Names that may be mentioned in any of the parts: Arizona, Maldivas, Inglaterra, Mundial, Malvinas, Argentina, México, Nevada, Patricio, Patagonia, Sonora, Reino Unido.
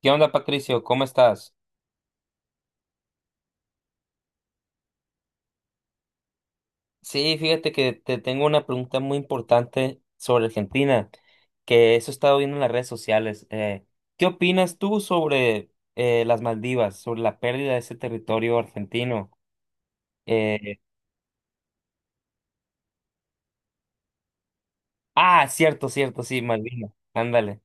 ¿Qué onda, Patricio? ¿Cómo estás? Sí, fíjate que te tengo una pregunta muy importante sobre Argentina, que eso he estado viendo en las redes sociales. ¿Qué opinas tú sobre las Maldivas, sobre la pérdida de ese territorio argentino? Eh, ah, cierto, cierto, sí, Malvinas. Ándale.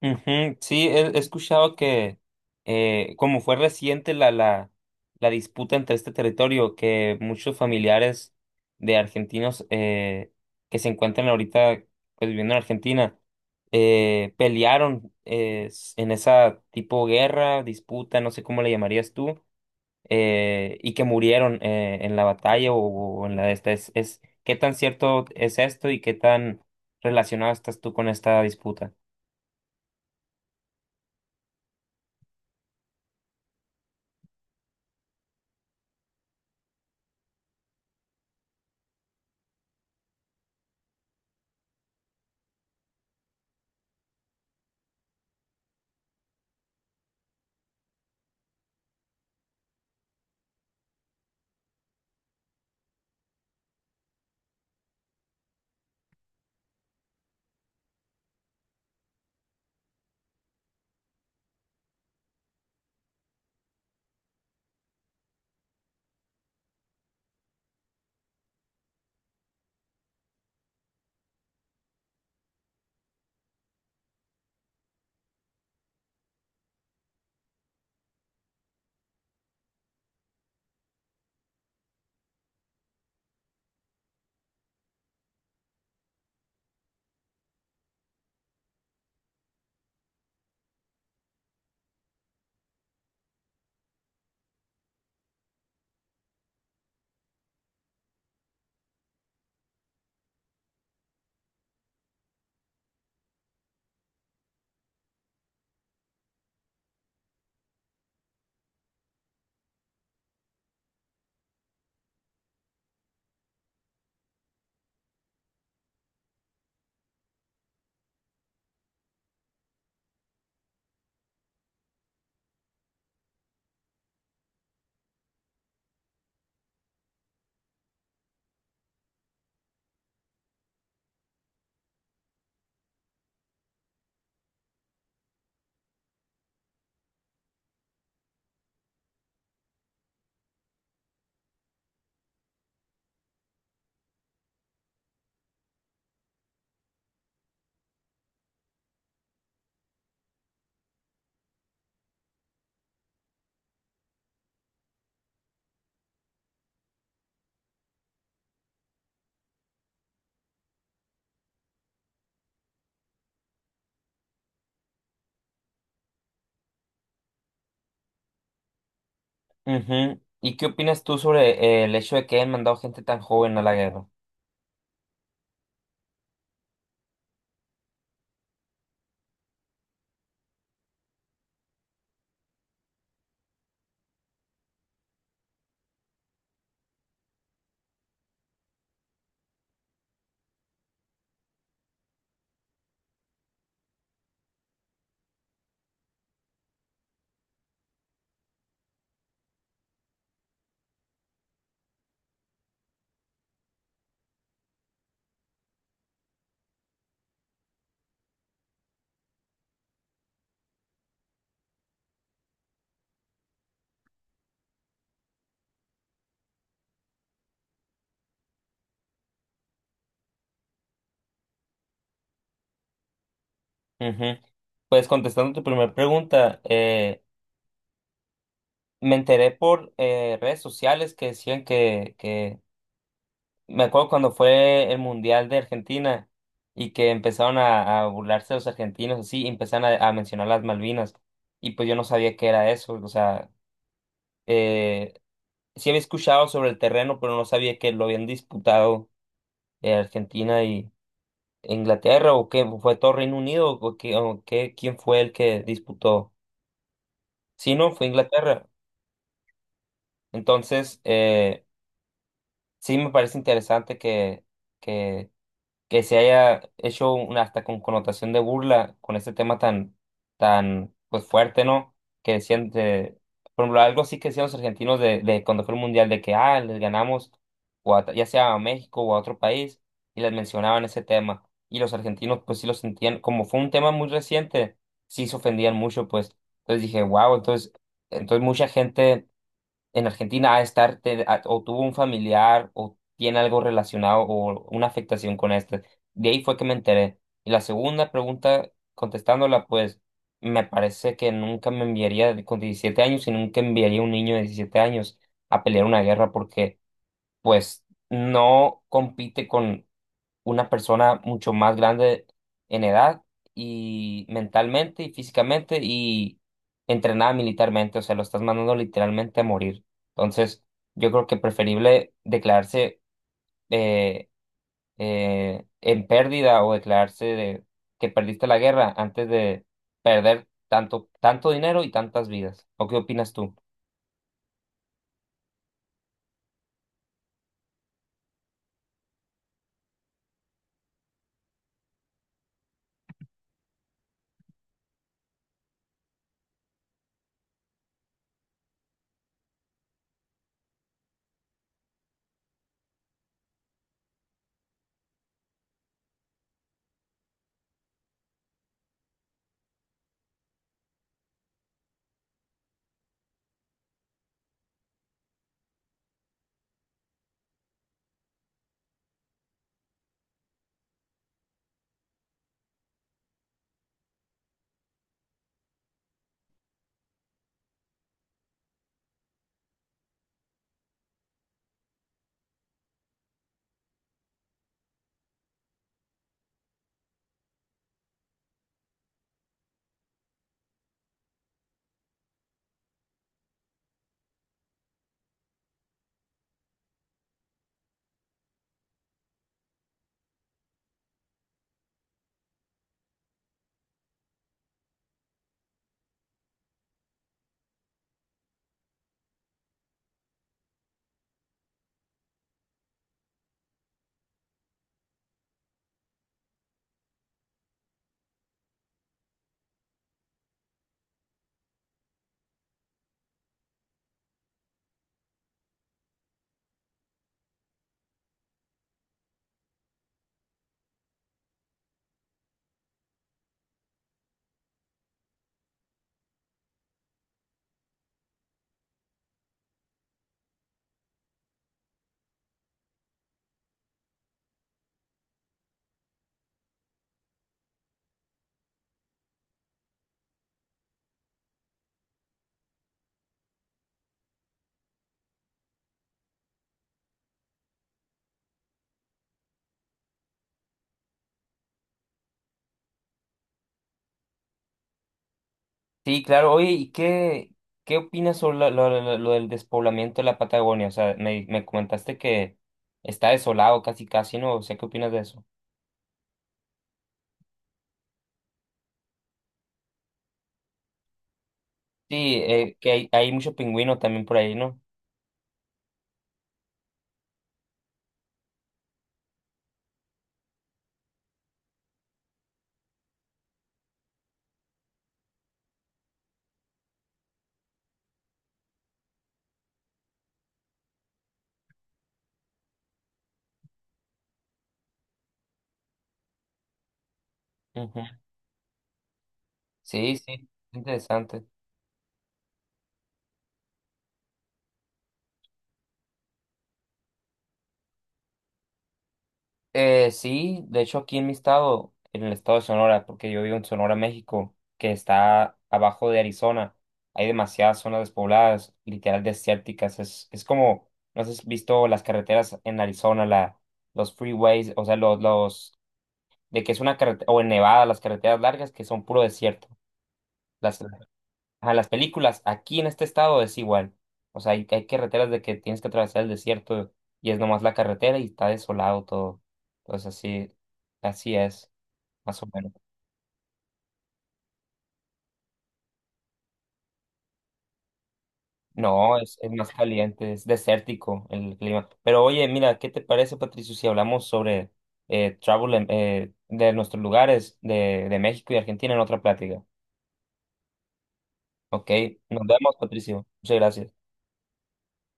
Ujú. Sí, he escuchado que como fue reciente la disputa entre este territorio, que muchos familiares de argentinos que se encuentran ahorita, pues, viviendo en Argentina, pelearon en esa tipo guerra, disputa, no sé cómo le llamarías tú, y que murieron en la batalla o en la de esta. ¿Qué tan cierto es esto y qué tan relacionado estás tú con esta disputa? Ujú. ¿Y qué opinas tú sobre el hecho de que hayan mandado gente tan joven a la guerra? Ujú. Pues contestando tu primera pregunta, me enteré por redes sociales que decían me acuerdo cuando fue el Mundial de Argentina y que empezaron a burlarse de los argentinos, así, y empezaron a mencionar las Malvinas, y pues yo no sabía qué era eso, o sea, eh, sí había escuchado sobre el terreno, pero no sabía que lo habían disputado, Argentina. ¿Inglaterra o qué? ¿Fue todo Reino Unido o qué, o quién fue el que disputó? Sí, no, fue Inglaterra. Entonces, sí me parece interesante que que se haya hecho una hasta con connotación de burla con este tema tan, tan pues fuerte, ¿no? Que decían de, por ejemplo, algo así que decían los argentinos de cuando fue el mundial, de que ah, les ganamos, o ya sea a México o a otro país, y les mencionaban ese tema. Y los argentinos, pues sí lo sentían, como fue un tema muy reciente, sí se ofendían mucho, pues. Entonces dije, wow, entonces, entonces mucha gente en Argentina a estar, o tuvo un familiar o tiene algo relacionado o una afectación con este. De ahí fue que me enteré. Y la segunda pregunta, contestándola, pues me parece que nunca me enviaría con 17 años y nunca enviaría a un niño de 17 años a pelear una guerra porque, pues, no compite con una persona mucho más grande en edad y mentalmente y físicamente y entrenada militarmente, o sea, lo estás mandando literalmente a morir. Entonces, yo creo que preferible declararse eh, en pérdida o declararse de que perdiste la guerra antes de perder tanto, tanto dinero y tantas vidas. ¿O qué opinas tú? Sí, claro. Oye, ¿y qué, qué opinas sobre lo del despoblamiento de la Patagonia? O sea, me comentaste que está desolado casi casi, ¿no? O sea, ¿qué opinas de eso? Sí, que hay mucho pingüino también por ahí, ¿no? Ujú. Sí, sí, interesante. Sí, de hecho aquí en mi estado, en el estado de Sonora, porque yo vivo en Sonora, México, que está abajo de Arizona, hay demasiadas zonas despobladas, literal desérticas. Es como, no sé si has visto las carreteras en Arizona, la, los freeways, o sea, de que es una carretera, o en Nevada, las carreteras largas que son puro desierto. Las, a las películas, aquí en este estado es igual. O sea, hay carreteras de que tienes que atravesar el desierto y es nomás la carretera y está desolado todo. Entonces así, así es, más o menos. No, es más caliente, es desértico el clima. Pero oye, mira, ¿qué te parece, Patricio, si hablamos sobre de nuestros lugares de México y Argentina en otra plática? Ok, nos vemos, Patricio. Muchas gracias.